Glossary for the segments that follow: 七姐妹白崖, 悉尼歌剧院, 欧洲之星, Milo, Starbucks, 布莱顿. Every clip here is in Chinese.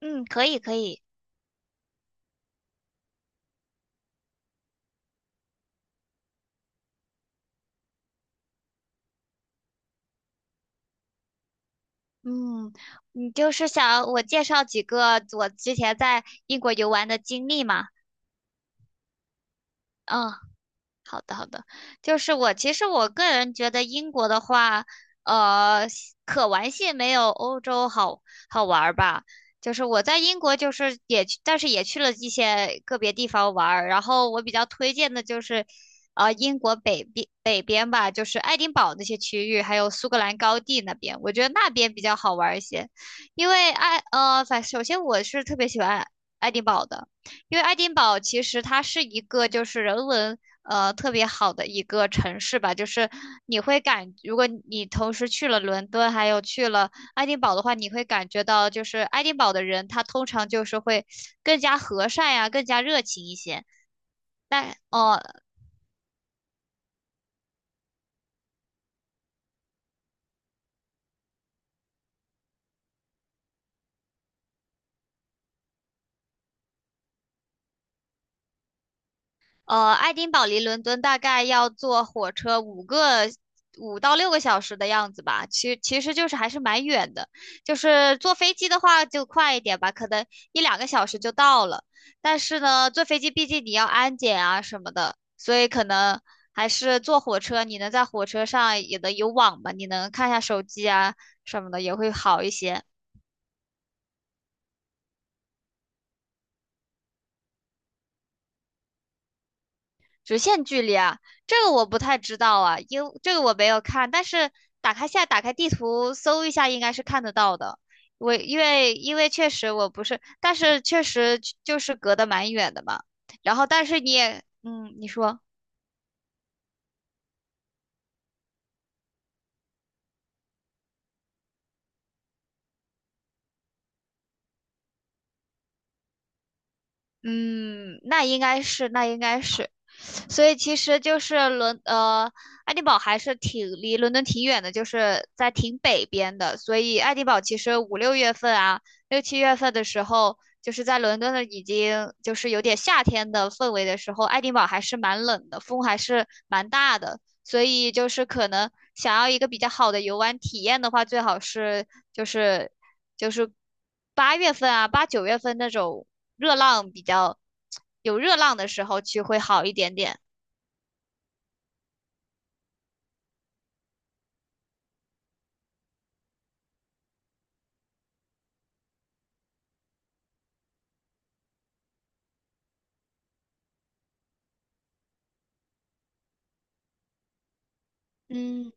嗯，可以可以，嗯，你就是想我介绍几个我之前在英国游玩的经历嘛？嗯，好的，好的，就是我其实个人觉得英国的话，呃，可玩性没有欧洲好好玩儿吧。就是我在英国，就是也去，但是也去了一些个别地方玩儿。然后我比较推荐的就是，英国北边吧，就是爱丁堡那些区域，还有苏格兰高地那边，我觉得那边比较好玩儿一些。因为爱呃，反首先我是特别喜欢爱丁堡的。因为爱丁堡其实它是一个就是人文特别好的一个城市吧，就是你会感，如果你同时去了伦敦，还有去了爱丁堡的话，你会感觉到就是爱丁堡的人他通常就是会更加和善呀、更加热情一些。但哦、呃爱丁堡离伦敦大概要坐火车五到六个小时的样子吧，其实就是还是蛮远的。就是坐飞机的话就快一点吧，可能一两个小时就到了。但是呢，坐飞机毕竟你要安检啊什么的，所以可能还是坐火车，你能在火车上也能有网吧，你能看一下手机啊什么的，也会好一些。直线距离啊，这个我不太知道啊，因这个我没有看，但是打开地图搜一下，应该是看得到的。我因为确实我不是，但是确实就是隔得蛮远的嘛。然后但是你也，嗯，你说。嗯，那应该是，所以其实就是爱丁堡还是挺离伦敦挺远的，就是在挺北边的，所以爱丁堡其实五六月份啊，六七月份的时候，就是在伦敦的已经就是有点夏天的氛围的时候，爱丁堡还是蛮冷的，风还是蛮大的，所以就是可能想要一个比较好的游玩体验的话，最好是就是就是8月份啊，八九月份那种热浪比较有热浪的时候去会好一点点。嗯，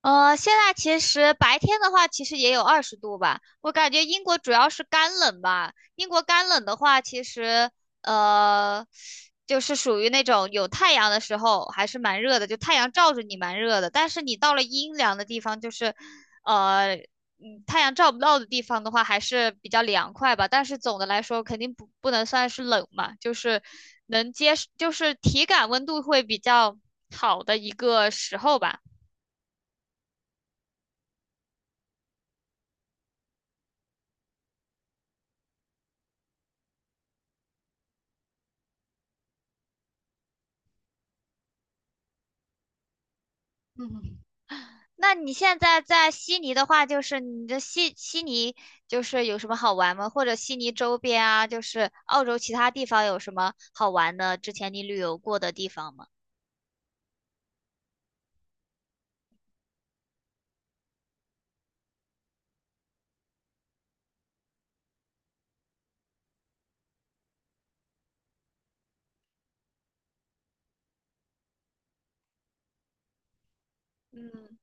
现在其实白天的话，其实也有20度吧。我感觉英国主要是干冷吧。英国干冷的话，其实呃，就是属于那种有太阳的时候还是蛮热的，就太阳照着你蛮热的。但是你到了阴凉的地方，就是太阳照不到的地方的话，还是比较凉快吧。但是总的来说，肯定不能算是冷嘛，就是能接受就是体感温度会比较好的一个时候吧。嗯。那你现在在悉尼的话，就是你的悉尼就是有什么好玩吗？或者悉尼周边啊，就是澳洲其他地方有什么好玩的？之前你旅游过的地方吗？嗯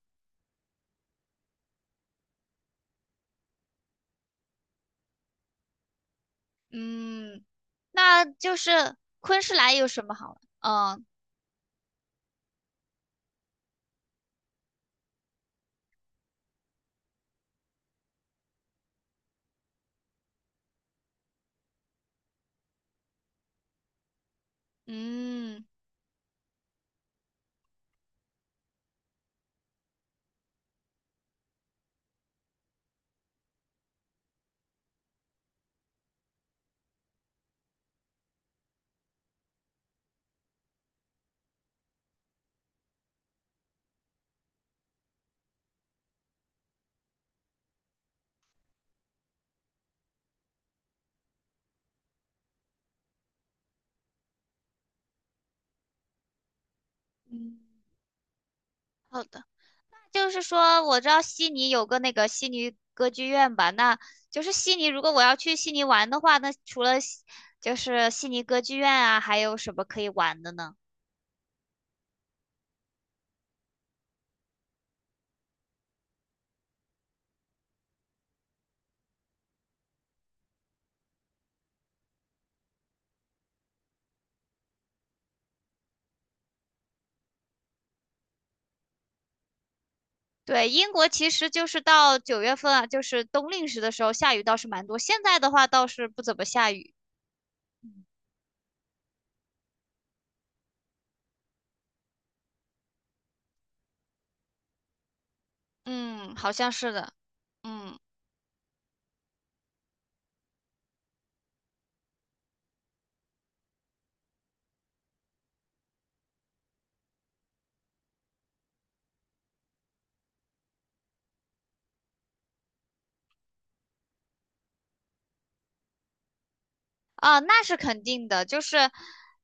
嗯那就是昆士兰有什么好玩？嗯，嗯嗯，好的，就是说我知道悉尼有个那个悉尼歌剧院吧，那就是悉尼，如果我要去悉尼玩的话，那除了悉就是悉尼歌剧院啊，还有什么可以玩的呢？对，英国其实就是到九月份啊，就是冬令时的时候下雨倒是蛮多，现在的话倒是不怎么下雨。嗯，好像是的。嗯。啊，那是肯定的，就是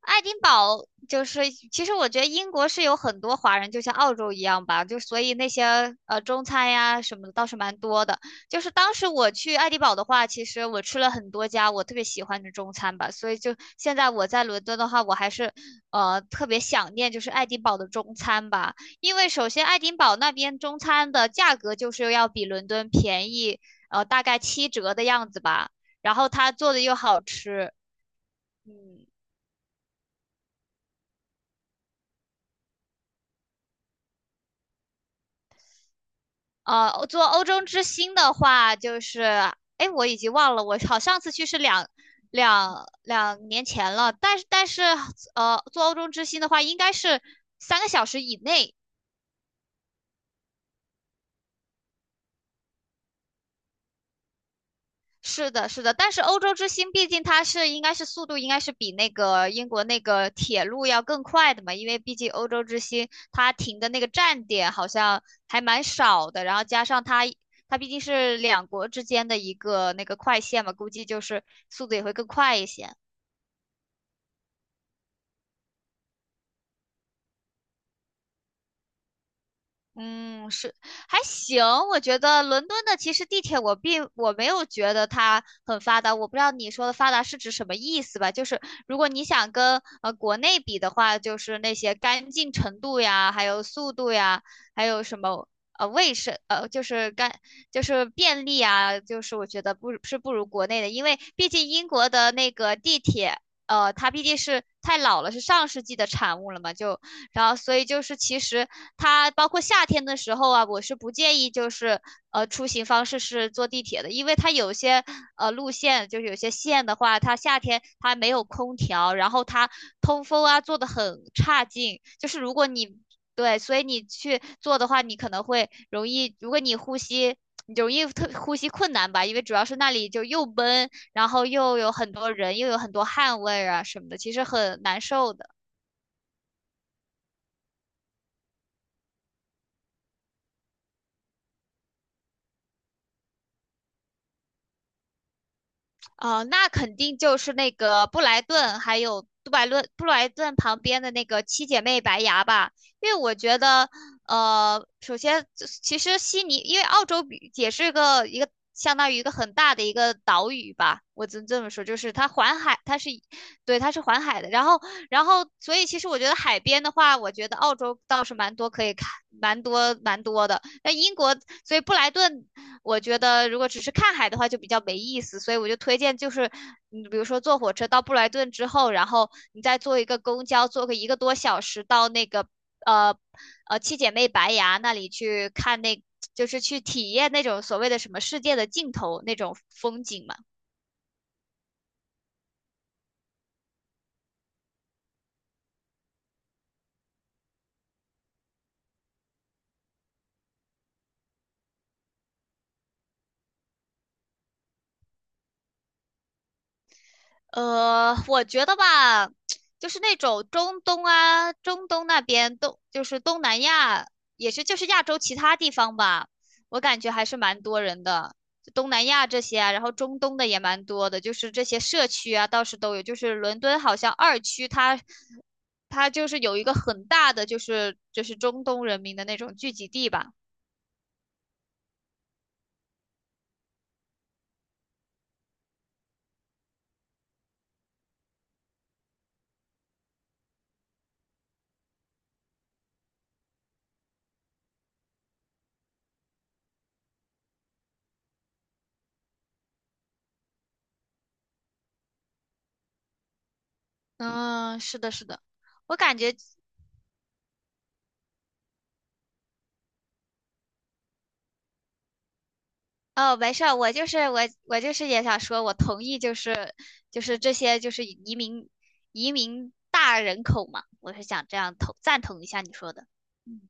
爱丁堡，就是其实我觉得英国是有很多华人，就像澳洲一样吧，就所以那些中餐呀什么的倒是蛮多的。就是当时我去爱丁堡的话，其实我吃了很多家我特别喜欢的中餐吧，所以就现在我在伦敦的话，我还是特别想念就是爱丁堡的中餐吧，因为首先爱丁堡那边中餐的价格就是要比伦敦便宜，大概七折的样子吧。然后它做的又好吃，嗯，做欧洲之星的话，就是，哎，我已经忘了，我好上次去是两年前了，但是，做欧洲之星的话，应该是3个小时以内，是的，是的，但是欧洲之星毕竟它是应该是速度应该是比那个英国那个铁路要更快的嘛，因为毕竟欧洲之星它停的那个站点好像还蛮少的，然后加上它毕竟是两国之间的一个那个快线嘛，估计就是速度也会更快一些。嗯，是，还行。我觉得伦敦的其实地铁我没有觉得它很发达，我不知道你说的发达是指什么意思吧？就是如果你想跟国内比的话，就是那些干净程度呀，还有速度呀，还有什么卫生呃就是干就是便利啊，就是我觉得不是不如国内的，因为毕竟英国的那个地铁。它毕竟是太老了，是上世纪的产物了嘛，就然后所以就是其实它包括夏天的时候啊，我是不建议就是出行方式是坐地铁的，因为它有些路线就是有些线的话，它夏天它没有空调，然后它通风啊做的很差劲，就是如果你对，所以你去做的话，你可能会容易，如果你呼吸。你就容易呼吸困难吧，因为主要是那里就又闷，然后又有很多人，又有很多汗味儿啊什么的，其实很难受的。哦，那肯定就是那个布莱顿，还有杜白论布莱顿旁边的那个七姐妹白牙吧，因为我觉得，首先其实悉尼，因为澳洲比也是一个相当于一个很大的一个岛屿吧，我只能这么说，就是它环海，它是，对，它是环海的，然后，所以其实我觉得海边的话，我觉得澳洲倒是蛮多可以看，蛮多蛮多的，那英国，所以布莱顿。我觉得如果只是看海的话就比较没意思，所以我就推荐就是，你比如说坐火车到布莱顿之后，然后你再坐一个公交，坐个一个多小时到那个呃七姐妹白崖那里去看那，就是去体验那种所谓的什么世界的尽头那种风景嘛。我觉得吧，就是那种中东啊，中东那边就是东南亚，也是就是亚洲其他地方吧，我感觉还是蛮多人的。就东南亚这些啊，然后中东的也蛮多的，就是这些社区啊，倒是都有。就是伦敦好像2区它，它就是有一个很大的，就是中东人民的那种聚集地吧。嗯，是的，是的，我感觉。哦，没事儿，我就是也想说，我同意，就是这些就是移民大人口嘛，我是想这样赞同一下你说的。嗯